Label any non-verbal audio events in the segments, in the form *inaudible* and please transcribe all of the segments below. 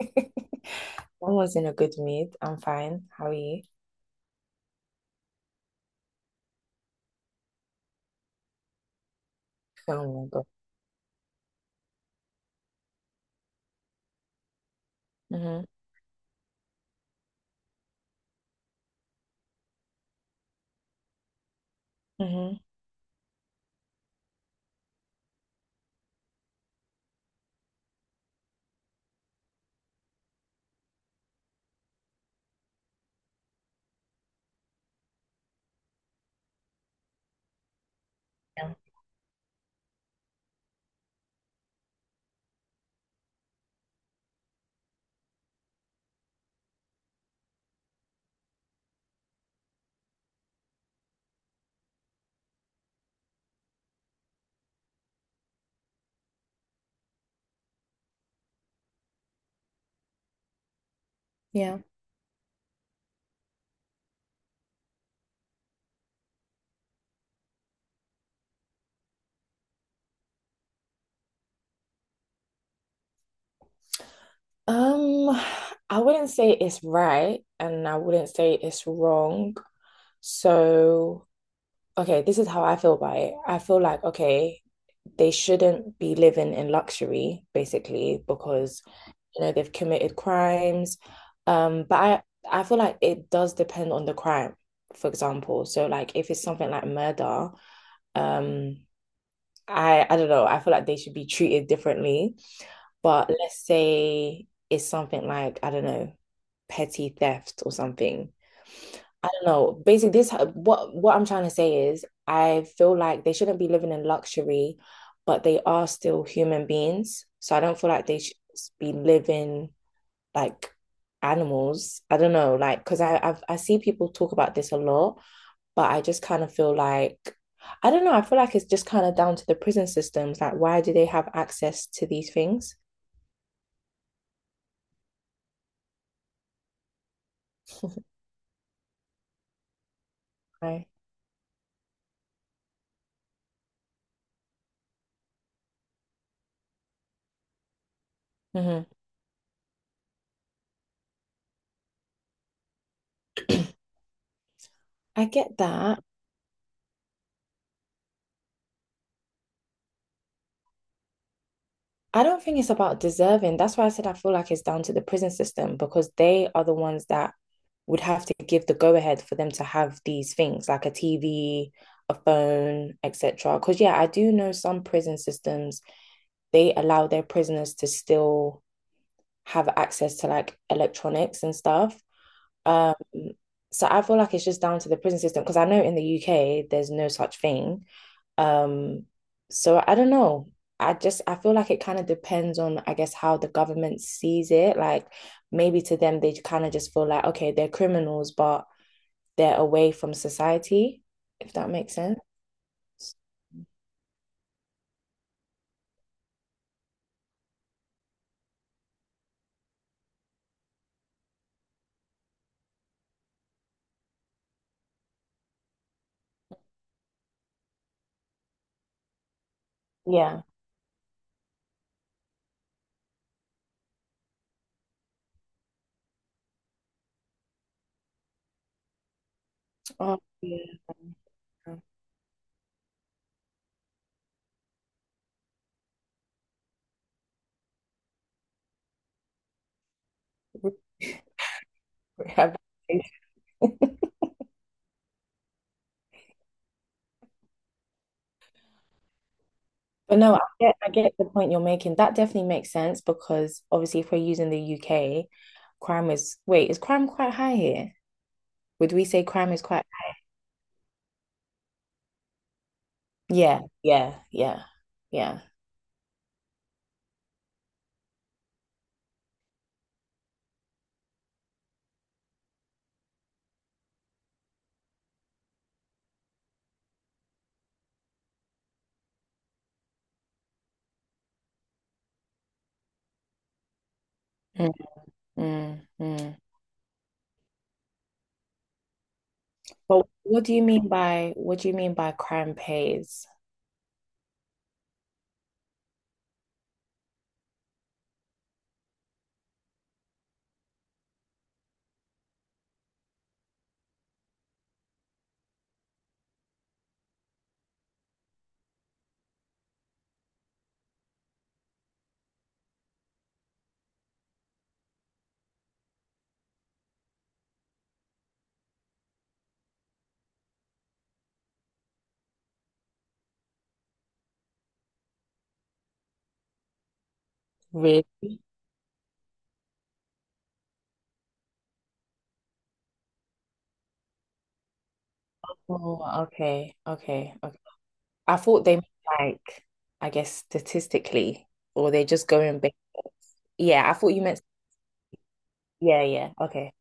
I was in a good mood. I'm fine. How are you? Oh my God. Mm-hmm. Mm-hmm. Yeah. Yeah. Um, I wouldn't say it's right and I wouldn't say it's wrong. So, okay, this is how I feel about it. I feel like, okay, they shouldn't be living in luxury, basically, because, they've committed crimes. Um, but I, I feel like it does depend on the crime, for example. So, like, if it's something like murder, um, I don't know. I feel like they should be treated differently. But let's say it's something like, I don't know, petty theft or something. I don't know. Basically, this what I'm trying to say is I feel like they shouldn't be living in luxury, but they are still human beings. So I don't feel like they should be living like animals. I don't know, like because I see people talk about this a lot, but I just kind of feel like, I don't know, I feel like it's just kind of down to the prison systems. Like, why do they have access to these things? *laughs* Right. Mhm. I get that. I don't think it's about deserving. That's why I said I feel like it's down to the prison system because they are the ones that would have to give the go ahead for them to have these things like a TV, a phone, etc. Because, yeah, I do know some prison systems, they allow their prisoners to still have access to like electronics and stuff. Um, so I feel like it's just down to the prison system because I know in the UK there's no such thing. Um, so I don't know. I just I feel like it kind of depends on, I guess, how the government sees it. Like maybe to them they kind of just feel like, okay, they're criminals, but they're away from society, if that makes sense. Yeah. Oh, yeah. Have *laughs* But no, I get the point you're making. That definitely makes sense because obviously if we're using the UK, crime is wait, is crime quite high here? Would we say crime is quite yeah, yeah, yeah, yeah. Mm, mm, mm. But what do you mean by crime pays? Really? Oh, okay, okay, okay. I thought they meant like I guess statistically, or they just go in big. Yeah, I thought you meant yeah, yeah, okay.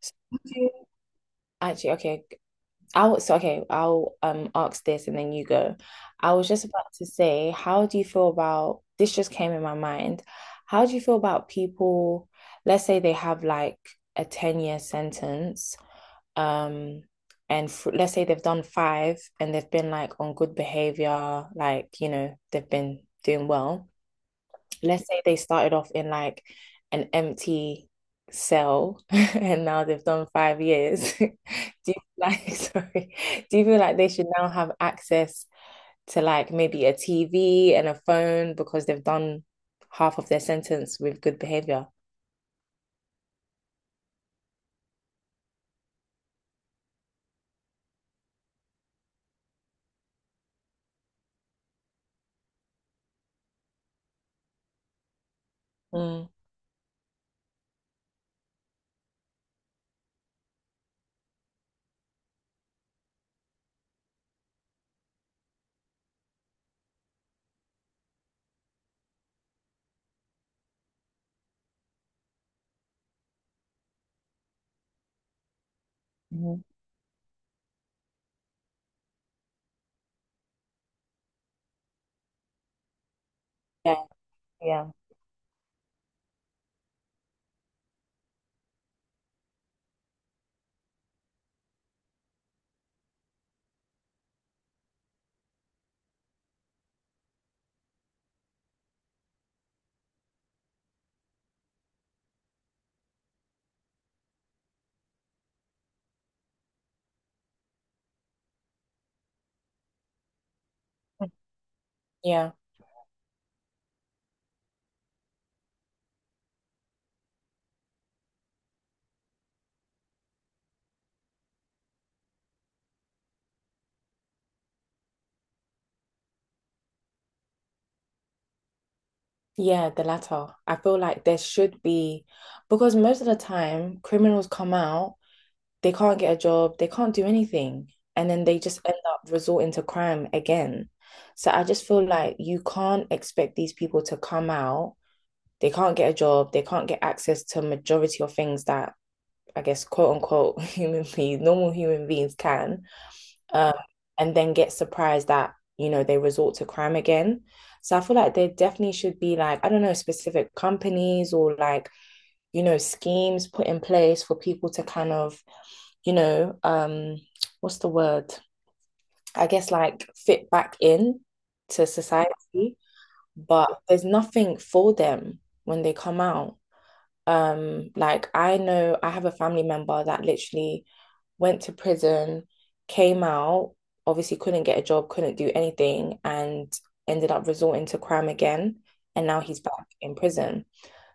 So do you- Actually, okay. I'll ask this and then you go. I was just about to say, how do you feel about this just came in my mind. How do you feel about people, let's say they have like a 10-year sentence, um, and f let's say they've done five and they've been like on good behavior, like, you know, they've been doing well let's say they started off in like an empty cell *laughs* and now they've done 5 years. *laughs* Do you like, *laughs* sorry, do you feel like they should now have access to like maybe a TV and a phone because they've done half of their sentence with good behavior? Mm. Mhm. Yeah, yeah, yeah. Yeah, the latter. I feel like there should be, because most of the time, criminals come out, they can't get a job, they can't do anything, and then they just end up resorting to crime again. So I just feel like you can't expect these people to come out, they can't get a job, they can't get access to majority of things that I guess quote unquote *laughs* human beings, normal human beings can um, and then get surprised that, you know, they resort to crime again. So I feel like there definitely should be like, I don't know, specific companies or like, you know, schemes put in place for people to kind of, you know, what's the word? I guess like fit back in to society, but there's nothing for them when they come out. Like I know I have a family member that literally went to prison, came out, obviously couldn't get a job, couldn't do anything, and ended up resorting to crime again. And now he's back in prison.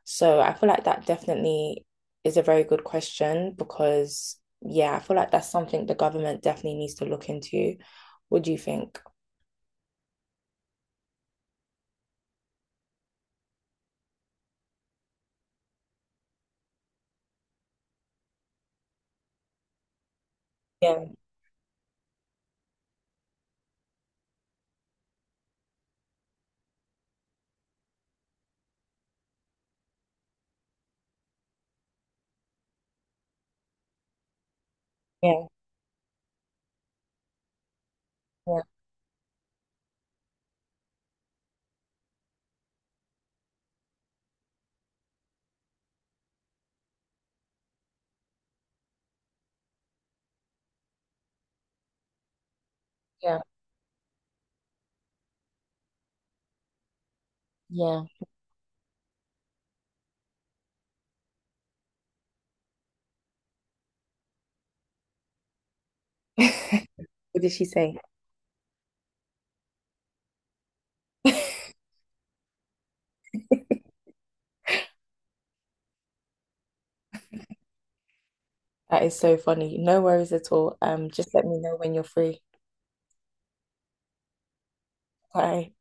So I feel like that definitely is a very good question because, yeah, I feel like that's something the government definitely needs to look into. What do you think? Yeah, yeah, yeah, yeah, yeah. *laughs* What did she say? *laughs* That is so funny. No worries at all. Just let me know when you're free. Bye.